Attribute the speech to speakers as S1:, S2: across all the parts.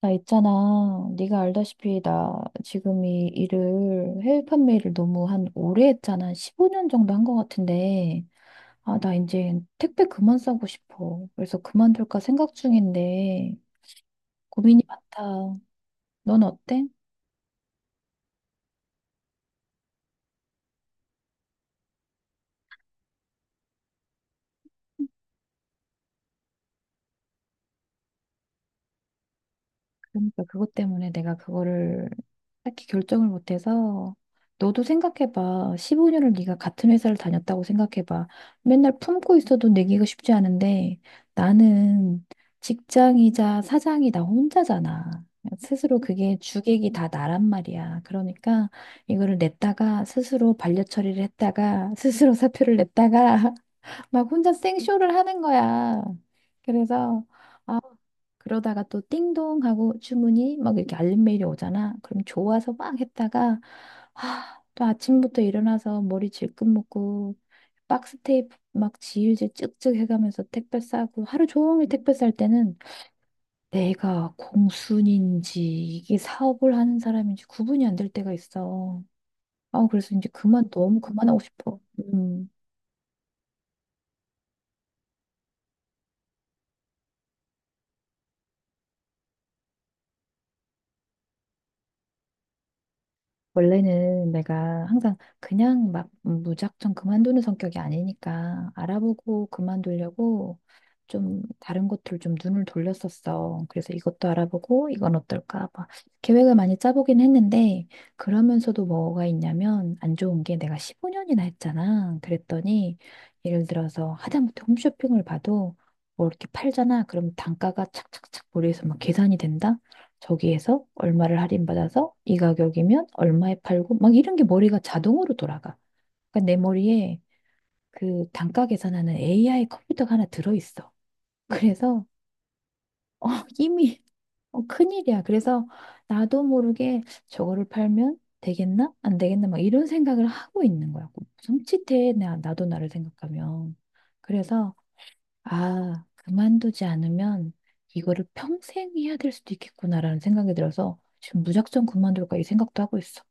S1: 나 있잖아. 네가 알다시피 나 지금 이 일을 해외 판매를 너무 한 오래 했잖아. 15년 정도 한 것 같은데. 아, 나 이제 택배 그만 싸고 싶어. 그래서 그만둘까 생각 중인데 고민이 많다. 넌 어때? 그러니까 그것 때문에 내가 그거를 딱히 결정을 못해서 너도 생각해봐. 15년을 네가 같은 회사를 다녔다고 생각해봐. 맨날 품고 있어도 내기가 쉽지 않은데 나는 직장이자 사장이 나 혼자잖아. 스스로 그게 주객이 다 나란 말이야. 그러니까 이거를 냈다가 스스로 반려 처리를 했다가 스스로 사표를 냈다가 막 혼자 생쇼를 하는 거야. 그래서 아, 그러다가 또 띵동 하고 주문이 막 이렇게 알림 메일이 오잖아. 그럼 좋아서 막 했다가 아, 또 아침부터 일어나서 머리 질끈 묶고 박스 테이프 막 지우개 쭉쭉 해가면서 택배 싸고 하루 종일 택배 쌀 때는 내가 공순인지 이게 사업을 하는 사람인지 구분이 안 될 때가 있어. 아, 그래서 이제 그만 너무 그만하고 싶어. 음. 원래는 내가 항상 그냥 막 무작정 그만두는 성격이 아니니까 알아보고 그만두려고 좀 다른 곳들 좀 눈을 돌렸었어. 그래서 이것도 알아보고 이건 어떨까 막 계획을 많이 짜보긴 했는데 그러면서도 뭐가 있냐면 안 좋은 게 내가 15년이나 했잖아. 그랬더니 예를 들어서 하다못해 홈쇼핑을 봐도 뭐 이렇게 팔잖아. 그럼 단가가 착착착 머리에서 막 계산이 된다? 저기에서 얼마를 할인받아서 이 가격이면 얼마에 팔고 막 이런 게 머리가 자동으로 돌아가. 그러니까 내 머리에 그 단가 계산하는 AI 컴퓨터가 하나 들어있어. 그래서 어, 이미 큰일이야. 그래서 나도 모르게 저거를 팔면 되겠나? 안 되겠나? 막 이런 생각을 하고 있는 거야. 섬찟해. 나도 나를 생각하면. 그래서 아, 그만두지 않으면 이거를 평생 해야 될 수도 있겠구나라는 생각이 들어서 지금 무작정 그만둘까 이 생각도 하고 있어.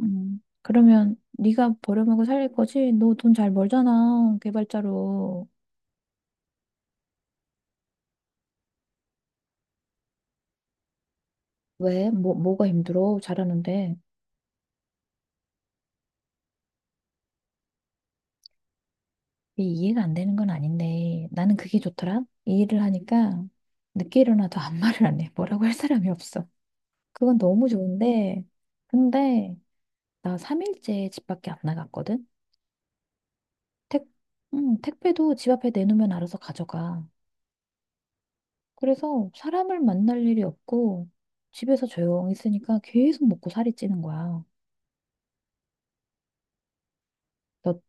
S1: 그러면 네가 버려먹고 살릴 거지? 너 돈 잘 벌잖아, 개발자로. 왜? 뭐가 힘들어? 잘하는데. 이게 이해가 안 되는 건 아닌데. 나는 그게 좋더라. 이 일을 하니까 늦게 일어나도 아무 말을 안 해. 뭐라고 할 사람이 없어. 그건 너무 좋은데. 근데 나 3일째 집 밖에 안 나갔거든? 택, 택배도 집 앞에 내놓으면 알아서 가져가. 그래서 사람을 만날 일이 없고 집에서 조용히 있으니까 계속 먹고 살이 찌는 거야. 너,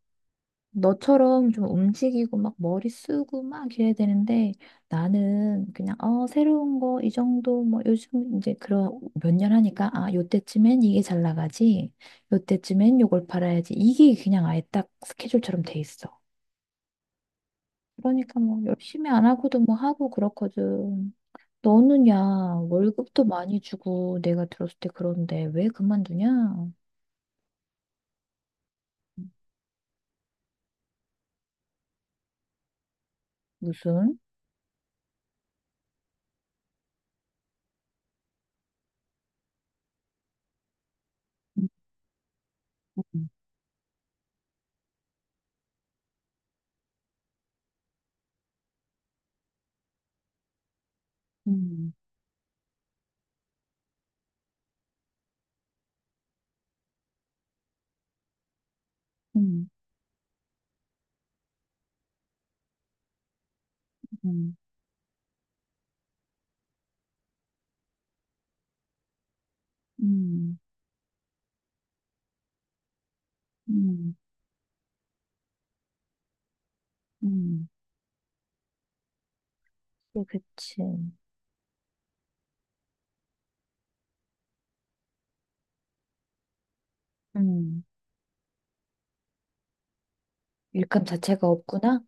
S1: 너처럼 좀 움직이고 막 머리 쓰고 막 이래야 되는데 나는 그냥 새로운 거 이 정도 뭐 요즘 이제 그런 몇 년 하니까 아, 요때쯤엔 이게 잘 나가지. 요때쯤엔 요걸 팔아야지. 이게 그냥 아예 딱 스케줄처럼 돼 있어. 그러니까 뭐 열심히 안 하고도 뭐 하고 그렇거든. 너는 야, 월급도 많이 주고 내가 들었을 때 그런데 왜 그만두냐? 무슨? 음, 음, 음, 음, 음, 음, 음, 예, 그치. 음. 일감 자체가 없구나?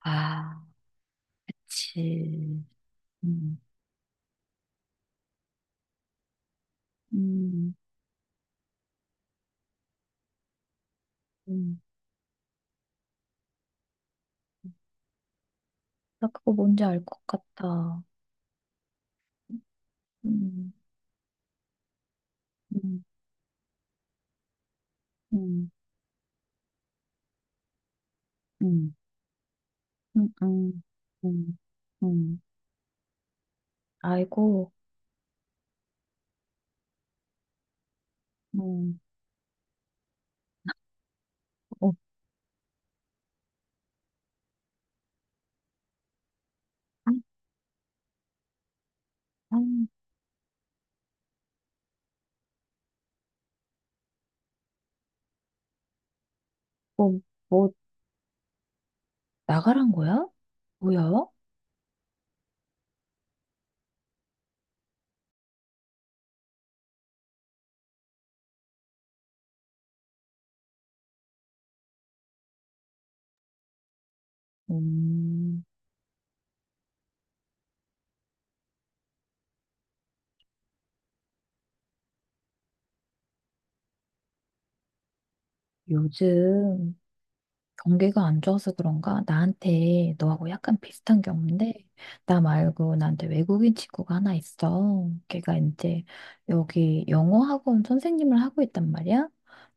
S1: 아, 그치. 음, 음, 음, 나 그거 뭔지 알 것 같다. 음, 음, 음, 음, 음, 음, 음, 음. 아이고, 음. 어, 음, 음. 뭐, 뭐, 나가란 거야? 뭐야? 음, 요즘 경기가 안 좋아서 그런가? 나한테 너하고 약간 비슷한 경우인데, 나 말고 나한테 외국인 친구가 하나 있어. 걔가 이제 여기 영어 학원 선생님을 하고 있단 말이야?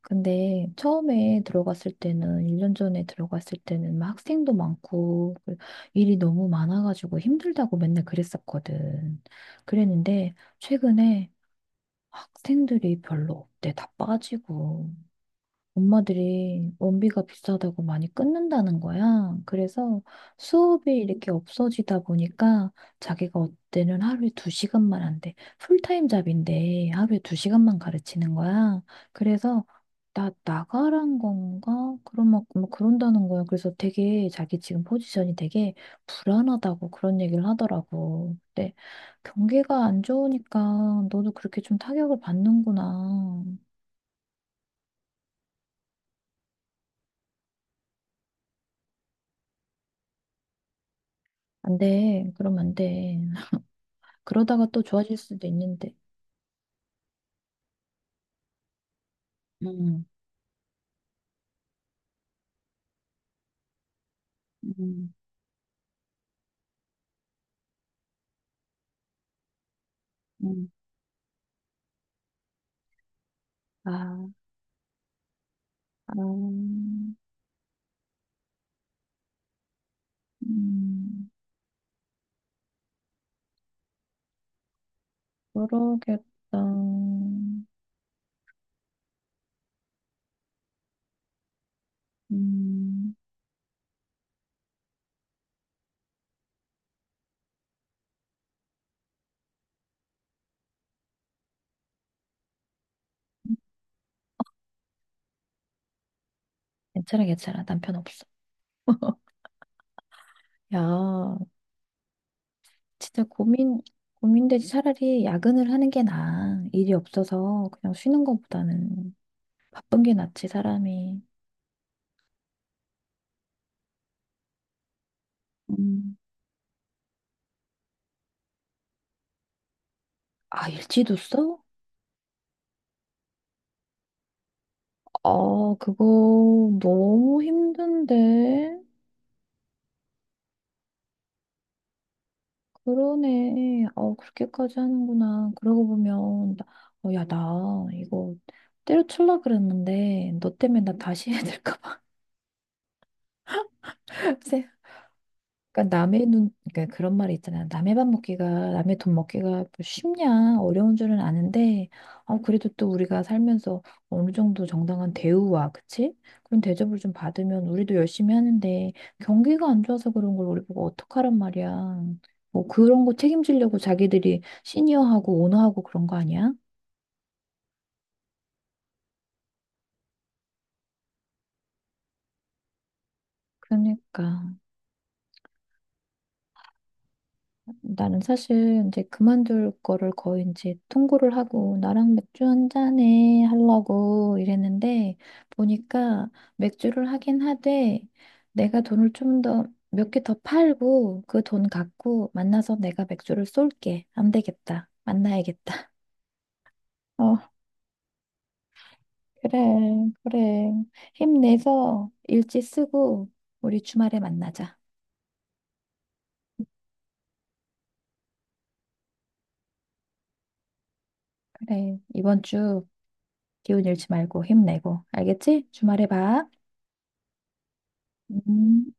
S1: 근데 처음에 들어갔을 때는, 1년 전에 들어갔을 때는 막 학생도 많고, 그 일이 너무 많아가지고 힘들다고 맨날 그랬었거든. 그랬는데, 최근에 학생들이 별로 없대. 다 빠지고. 엄마들이 원비가 비싸다고 많이 끊는다는 거야. 그래서 수업이 이렇게 없어지다 보니까 자기가 어때는 하루에 두 시간만 한대. 풀타임 잡인데 하루에 두 시간만 가르치는 거야. 그래서 나 나가란 건가? 그런 막 그런다는 거야. 그래서 되게 자기 지금 포지션이 되게 불안하다고 그런 얘기를 하더라고. 근데 경기가 안 좋으니까 너도 그렇게 좀 타격을 받는구나. 안 돼. 그럼 안 돼. 그러다가 또 좋아질 수도 있는데. 음, 음, 음. 아, 아, 음, 그러겠다. 음, 괜찮아, 괜찮아. 남편 없어. 야, 진짜 고민되지. 차라리 야근을 하는 게 나아. 일이 없어서 그냥 쉬는 것보다는 바쁜 게 낫지, 사람이. 음. 아, 일지도 써? 아, 그거 너무 힘든데. 그러네. 그렇게까지 하는구나. 그러고 보면, 야, 나 이거 때려칠라 그랬는데, 너 때문에 나 다시 해야 될까 봐. 그러니까 그런 말이 있잖아. 남의 돈 먹기가 뭐 쉽냐, 어려운 줄은 아는데, 그래도 또 우리가 살면서 어느 정도 정당한 대우와, 그치? 그런 대접을 좀 받으면 우리도 열심히 하는데, 경기가 안 좋아서 그런 걸 우리 보고 어떡하란 말이야. 뭐 그런 거 책임지려고 자기들이 시니어하고 오너하고 그런 거 아니야? 그러니까. 나는 사실 이제 그만둘 거를 거의 이제 통보를 하고 나랑 맥주 한 잔에 하려고 이랬는데 보니까 맥주를 하긴 하되 내가 돈을 좀 더 몇 개 더 팔고 그 돈 갖고 만나서 내가 맥주를 쏠게. 안 되겠다. 만나야겠다. 어, 그래, 그래. 힘내서 일지 쓰고 우리 주말에 만나자. 그래. 이번 주 기운 잃지 말고 힘내고. 알겠지? 주말에 봐. 음.